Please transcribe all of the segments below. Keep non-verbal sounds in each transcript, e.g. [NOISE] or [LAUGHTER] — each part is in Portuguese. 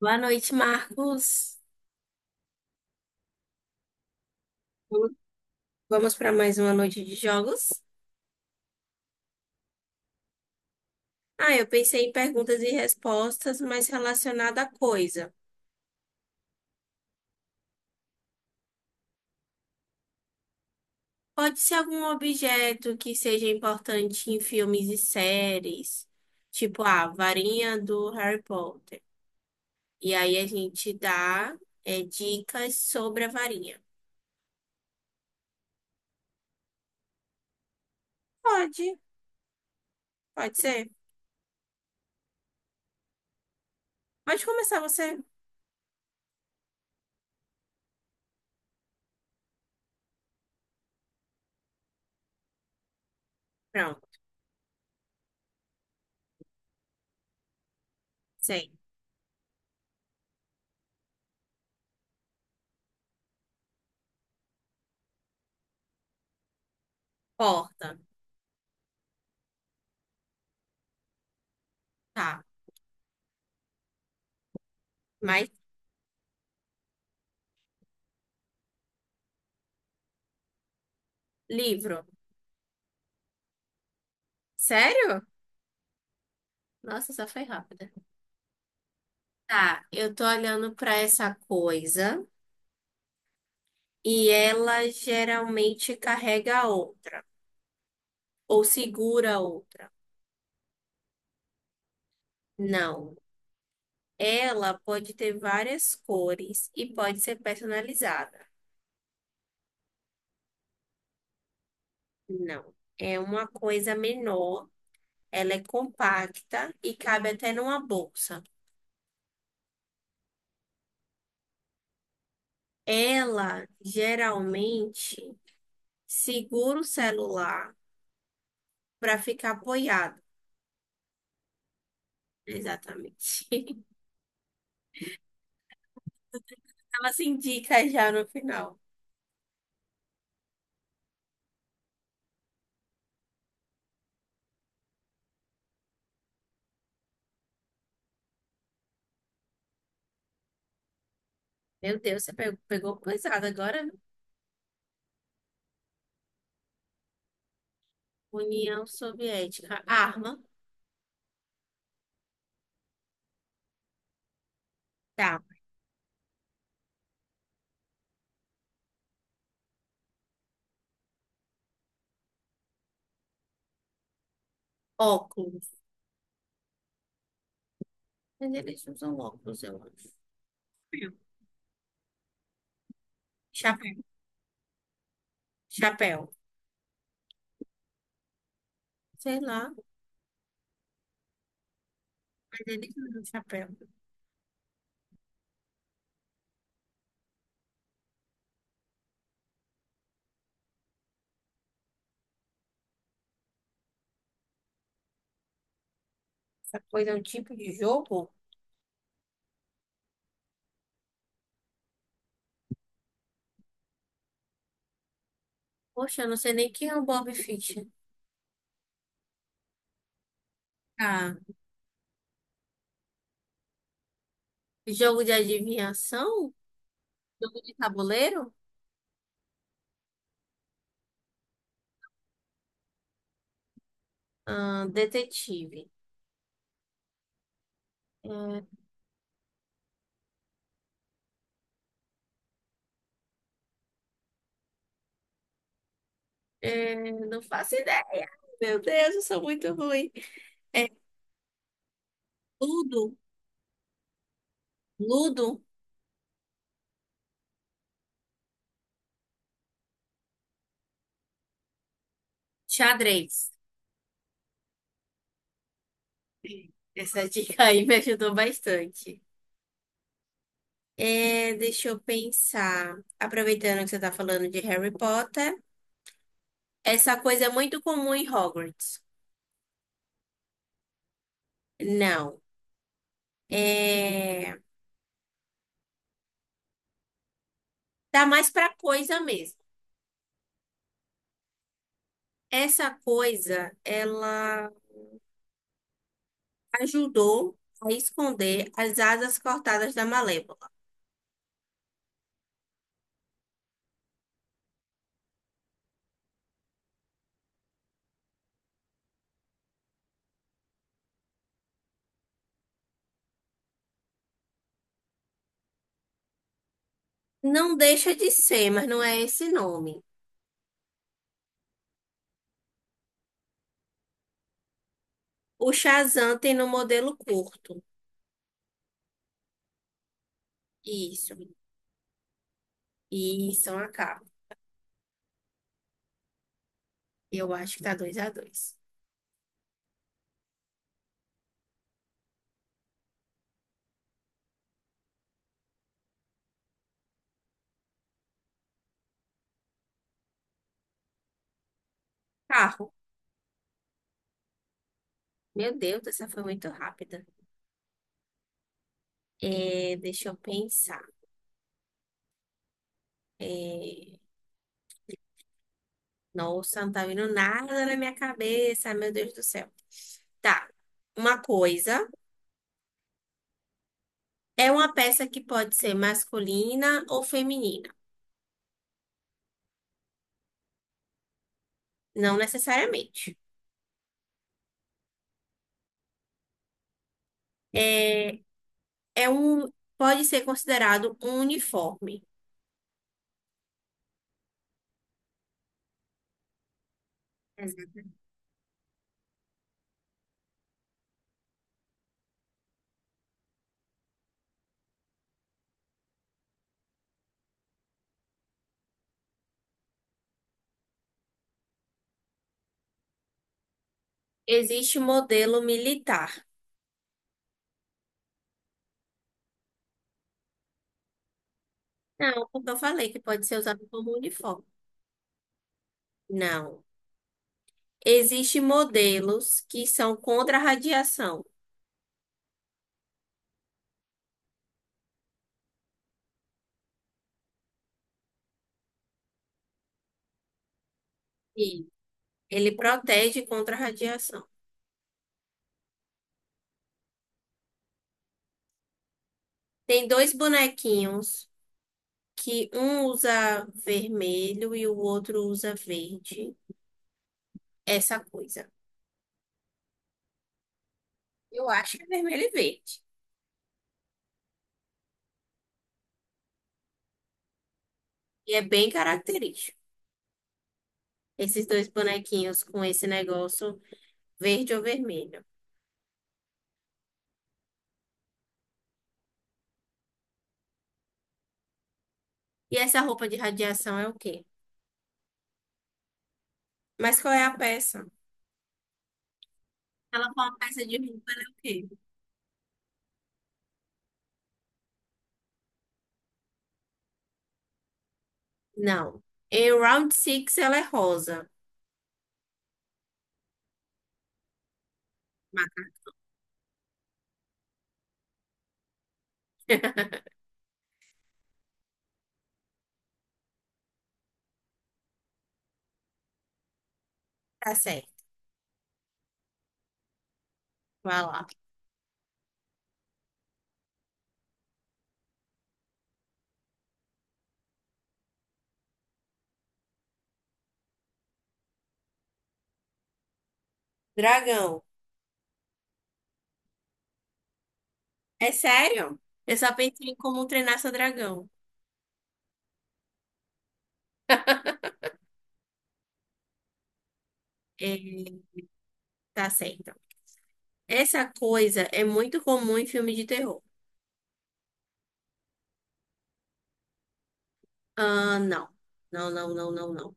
Boa noite, Marcos. Vamos para mais uma noite de jogos? Ah, eu pensei em perguntas e respostas, mas relacionada à coisa. Pode ser algum objeto que seja importante em filmes e séries, tipo a varinha do Harry Potter. E aí a gente dá, dicas sobre a varinha. Pode, pode ser. Pode começar você. Pronto, sei. Porta. Tá. Mais livro. Sério? Nossa, só foi rápida. Tá, eu tô olhando pra essa coisa e ela geralmente carrega a outra ou segura a outra. Não, ela pode ter várias cores e pode ser personalizada. Não, é uma coisa menor, ela é compacta e cabe até numa bolsa. Ela geralmente segura o celular para ficar apoiado. Exatamente. [LAUGHS] Ela se indica já no final. Meu Deus, você pegou pesado agora, viu? União Soviética. Arma. Tá. Óculos. Mas eles usam óculos, eu acho. Chapéu. Chapéu. Sei lá, mas eles usam chapéu. Essa coisa é um tipo de jogo? Poxa, eu não sei nem quem é o Bob Fischer. Tá. Jogo de adivinhação? Jogo de tabuleiro? Detetive. Ahn, não faço ideia. Meu Deus, eu sou muito ruim. É Ludo. Ludo. Xadrez. Essa dica aí me ajudou bastante. Deixa eu pensar. Aproveitando que você tá falando de Harry Potter, essa coisa é muito comum em Hogwarts. Não. É, tá mais pra coisa mesmo. Essa coisa, ela ajudou a esconder as asas cortadas da Malévola. Não deixa de ser, mas não é esse nome. O Shazam tem no modelo curto. Isso. Isso, uma capa. Eu acho que tá 2 a 2. Carro. Meu Deus, essa foi muito rápida. Deixa eu pensar. É, nossa, não tá vindo nada na minha cabeça, meu Deus do céu. Tá. Uma coisa é uma peça que pode ser masculina ou feminina, não necessariamente. É, é um, pode ser considerado um uniforme. Exato. Existe modelo militar. Não, porque eu falei que pode ser usado como uniforme. Não. Existem modelos que são contra a radiação. E ele protege contra a radiação. Tem dois bonequinhos que um usa vermelho e o outro usa verde. Essa coisa. Eu acho que é vermelho e verde. E é bem característico. Esses dois bonequinhos com esse negócio verde ou vermelho. E essa roupa de radiação é o quê? Mas qual é a peça? Ela foi uma peça de roupa, ela é o quê? Não. Em Round 6 ela é rosa. Mas- [LAUGHS] Tá certo. Vai lá. Dragão. É sério? Eu só pensei em como treinar seu dragão. É, tá certo. Essa coisa é muito comum em filme de terror. Ah, não. Não, não, não, não, não.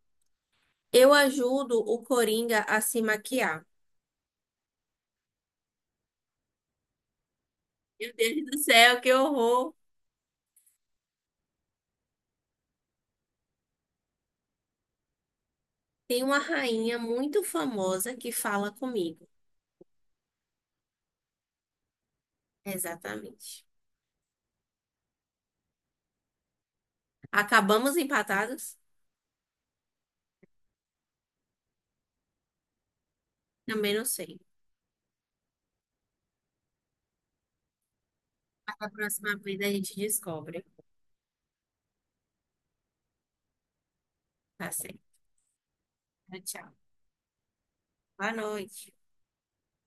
Eu ajudo o Coringa a se maquiar. Meu Deus do céu, que horror! Tem uma rainha muito famosa que fala comigo. Exatamente. Acabamos empatados? Também não sei. Na próxima vez a gente descobre. Tá certo. Tchau. Boa noite.